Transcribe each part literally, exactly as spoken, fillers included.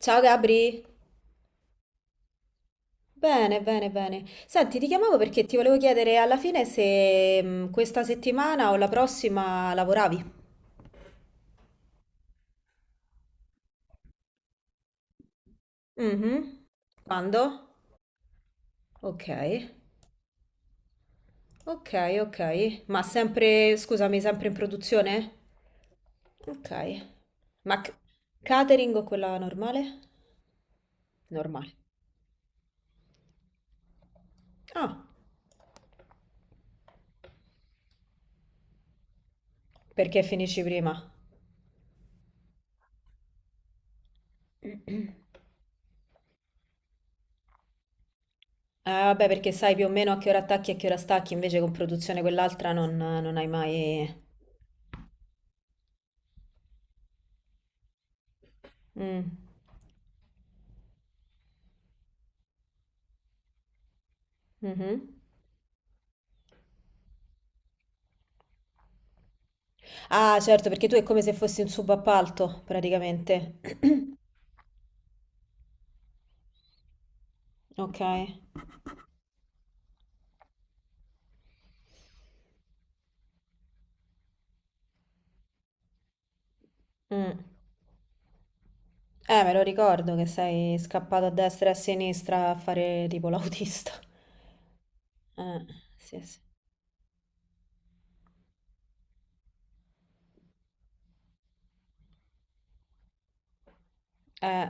Ciao Gabri, bene, bene, bene. Senti, ti chiamavo perché ti volevo chiedere alla fine se mh, questa settimana o la prossima lavoravi. Mhm. Quando? Ok, ok, ok. Ma sempre, scusami, sempre in produzione? Ok. Ma c- catering o quella normale? Normale. Ah, perché finisci prima? Ah, vabbè, perché sai più o meno a che ora attacchi e a che ora stacchi, invece con produzione quell'altra non, non hai mai. Mm. Mhm. Ah, certo, perché tu è come se fossi un subappalto, praticamente. Ok. Mm. Eh, me lo ricordo che sei scappato a destra e a sinistra a fare tipo l'autista. Eh, sì, sì. Eh.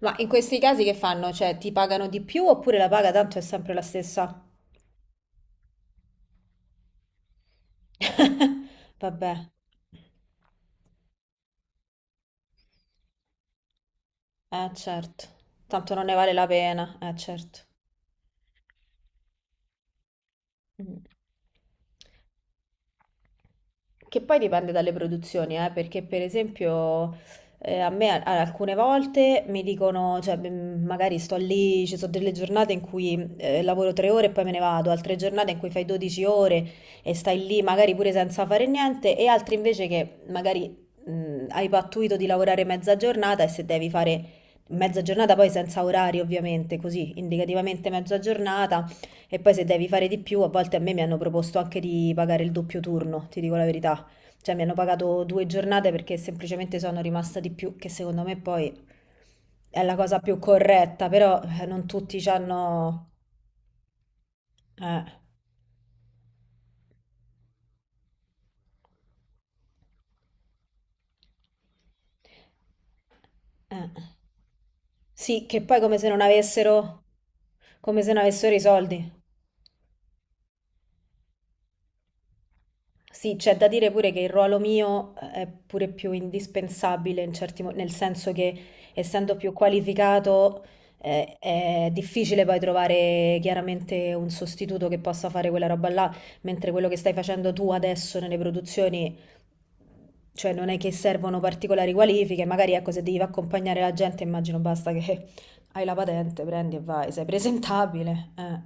Ma in questi casi che fanno? Cioè, ti pagano di più oppure la paga tanto è sempre la stessa? Vabbè. Eh, certo. Tanto non ne vale la pena. Eh, certo. Mm. Che poi dipende dalle produzioni, eh, perché per esempio eh, a me a- alcune volte mi dicono, cioè mm, magari sto lì, ci sono delle giornate in cui eh, lavoro tre ore e poi me ne vado, altre giornate in cui fai dodici ore e stai lì magari pure senza fare niente, e altre invece che magari mm, hai pattuito di lavorare mezza giornata e se devi fare mezza giornata poi senza orari ovviamente, così indicativamente mezza giornata e poi se devi fare di più, a volte a me mi hanno proposto anche di pagare il doppio turno, ti dico la verità. Cioè mi hanno pagato due giornate perché semplicemente sono rimasta di più, che secondo me poi è la cosa più corretta, però eh, non tutti ci hanno. Eh, eh. Sì, che poi come se non avessero, come se non avessero i soldi. Sì, c'è da dire pure che il ruolo mio eh, è pure più indispensabile in certi mo- nel senso che essendo più qualificato eh, è difficile poi trovare chiaramente un sostituto che possa fare quella roba là, mentre quello che stai facendo tu adesso nelle produzioni, cioè non è che servono particolari qualifiche, magari ecco se devi accompagnare la gente immagino basta che hai la patente, prendi e vai, sei presentabile, eh.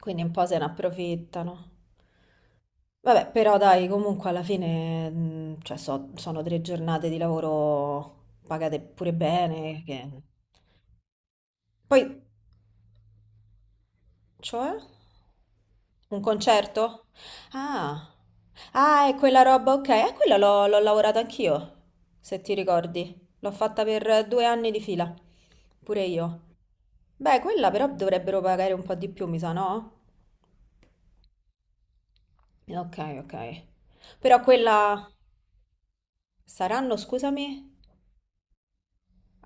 Quindi un po' se ne approfittano. Vabbè, però dai, comunque alla fine, mh, cioè, so- sono tre giornate di lavoro pagate pure bene. che- Poi, cioè, un concerto? Ah, ah, è quella roba, ok. A quella l'ho l'ho lavorato anch'io, se ti ricordi. L'ho fatta per due anni di fila, pure io. Beh, quella però dovrebbero pagare un po' di più, mi sa, no? Ok, ok. Però quella saranno, scusami.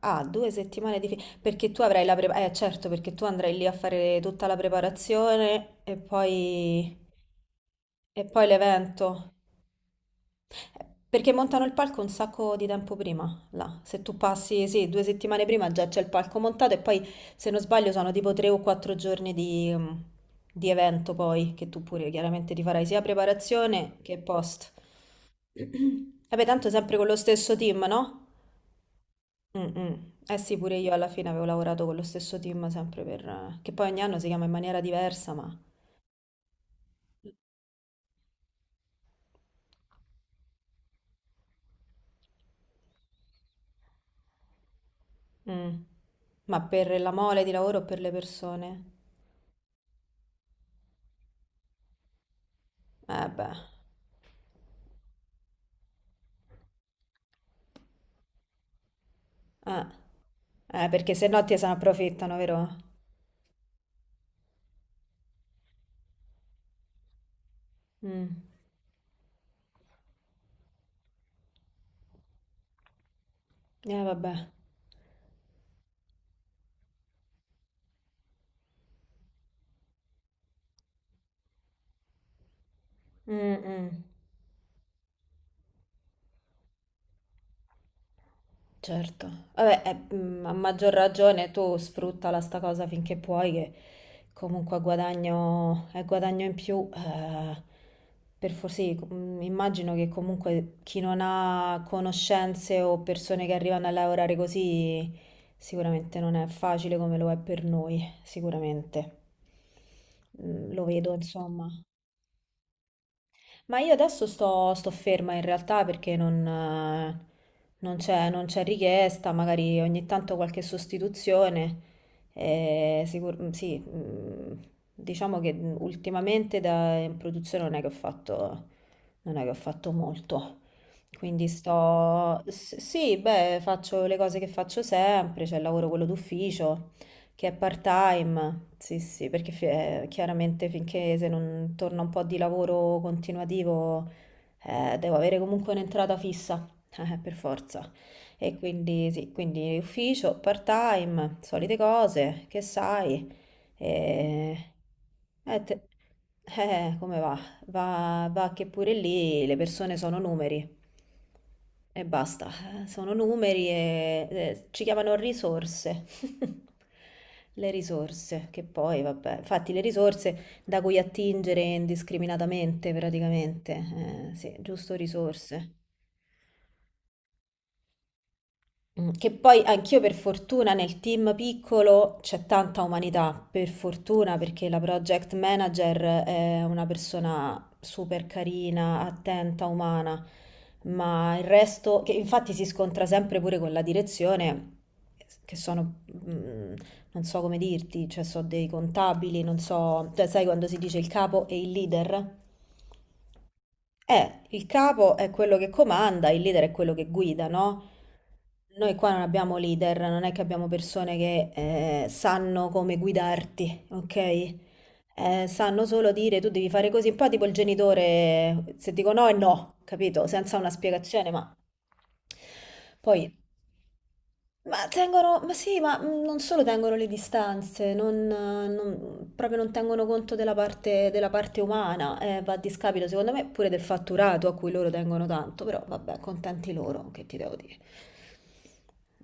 Ah, due settimane di... fi- perché tu avrai la preparazione. Eh, certo, perché tu andrai lì a fare tutta la preparazione e poi... e poi l'evento. Perché montano il palco un sacco di tempo prima, là. Se tu passi, sì, due settimane prima già c'è il palco montato e poi, se non sbaglio, sono tipo tre o quattro giorni di, mm, di evento poi, che tu pure chiaramente ti farai sia preparazione che post. Vabbè, tanto sempre con lo stesso team, no? Mm, mm. Eh sì, pure io alla fine avevo lavorato con lo stesso team sempre per... che poi ogni anno si chiama in maniera diversa, ma. Mm. Ma per la mole di lavoro o per le persone? Eh beh, eh, Eh, perché se no ti se ne approfittano, vero? Mm. Eh vabbè. Mm, mm. Certo, vabbè, eh, mm, a maggior ragione tu sfruttala sta cosa finché puoi, che comunque è guadagno, è guadagno in più. eh, per forse, immagino che comunque chi non ha conoscenze o persone che arrivano a lavorare così, sicuramente non è facile come lo è per noi, sicuramente. Mm, lo vedo, insomma. Ma io adesso sto, sto ferma in realtà perché non, eh, non c'è non c'è richiesta, magari ogni tanto qualche sostituzione. Eh, sicur- mm, sì, mm, diciamo che ultimamente da, in produzione non è che ho fatto, non è che ho fatto molto. Quindi sto... s- sì, beh, faccio le cose che faccio sempre, c'è il lavoro quello d'ufficio, che è part-time. Sì, sì, perché fi- eh, chiaramente finché se non torna un po' di lavoro continuativo, eh, devo avere comunque un'entrata fissa, eh, per forza. E quindi sì, quindi ufficio, part-time, solite cose, che sai. E... eh, te- eh, come va? Va, va che pure lì le persone sono numeri e basta eh, sono numeri e eh, ci chiamano risorse. Le risorse, che poi, vabbè, infatti le risorse da cui attingere indiscriminatamente praticamente, eh, sì, giusto risorse. Mm, che poi anch'io per fortuna nel team piccolo c'è tanta umanità, per fortuna perché la project manager è una persona super carina, attenta, umana, ma il resto, che infatti si scontra sempre pure con la direzione, che sono, mm, non so come dirti, cioè so dei contabili, non so, cioè sai quando si dice il capo e il leader? Eh, il capo è quello che comanda, il leader è quello che guida, no? Noi qua non abbiamo leader, non è che abbiamo persone che eh, sanno come guidarti, ok? Eh, sanno solo dire tu devi fare così, un po' tipo il genitore, se dico no è no, capito? Senza una spiegazione, ma poi ma tengono, ma sì, ma mm, non solo tengono le distanze, non, eh, non- proprio non tengono conto della parte, della parte umana, eh, va a discapito secondo me pure del fatturato a cui loro tengono tanto, però vabbè, contenti loro, che ti devo dire.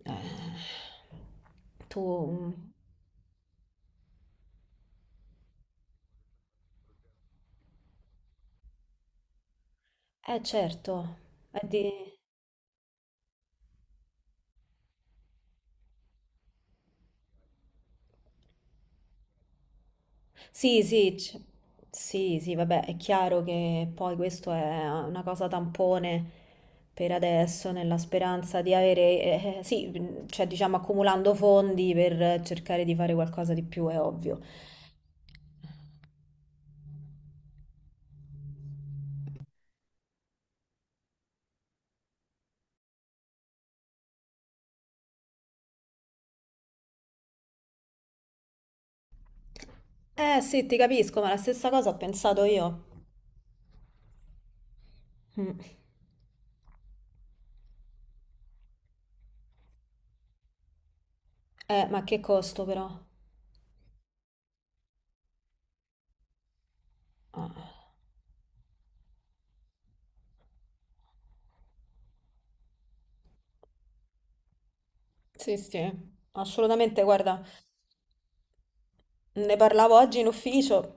Eh, tu, mm, eh certo, è di. Sì, sì, c- sì, sì, vabbè, è chiaro che poi questo è una cosa tampone per adesso, nella speranza di avere, eh, eh, sì, mh, cioè diciamo accumulando fondi per cercare di fare qualcosa di più, è ovvio. Eh sì, ti capisco, ma la stessa cosa ho pensato io. Mm. Eh, ma che costo però? Ah. Sì, sì, assolutamente, guarda. Ne parlavo oggi in ufficio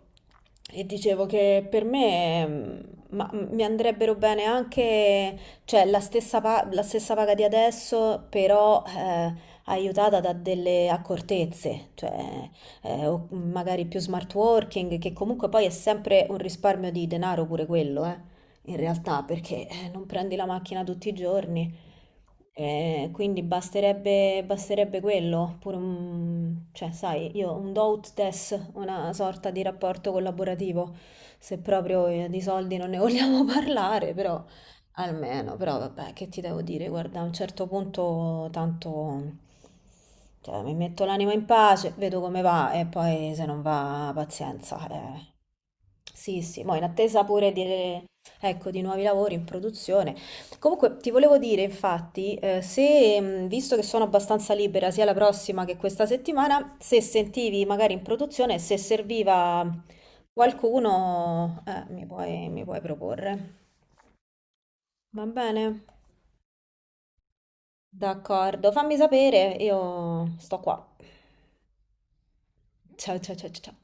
e dicevo che per me mh, ma- mm, mi andrebbero bene anche, cioè, la stessa, pa- la stessa paga di adesso, però eh, aiutata da delle accortezze, cioè, eh, o magari più smart working, che comunque poi è sempre un risparmio di denaro pure quello, eh in realtà, perché eh, non prendi la macchina tutti i giorni. Eh, quindi basterebbe, basterebbe quello, pure un, cioè, sai, io un do ut des, una sorta di rapporto collaborativo, se proprio eh, di soldi non ne vogliamo parlare, però almeno, però vabbè, che ti devo dire, guarda, a un certo punto tanto, cioè, mi metto l'anima in pace, vedo come va e poi se non va, pazienza. Eh. Sì, sì, ma in attesa pure di, Ecco, di nuovi lavori in produzione. Comunque ti volevo dire, infatti, eh, se, mh, visto che sono abbastanza libera sia la prossima che questa settimana, se sentivi magari in produzione, se serviva qualcuno, eh, mi puoi, mi puoi proporre. Va bene? D'accordo, fammi sapere, io sto qua. Ciao ciao ciao ciao. Ciao.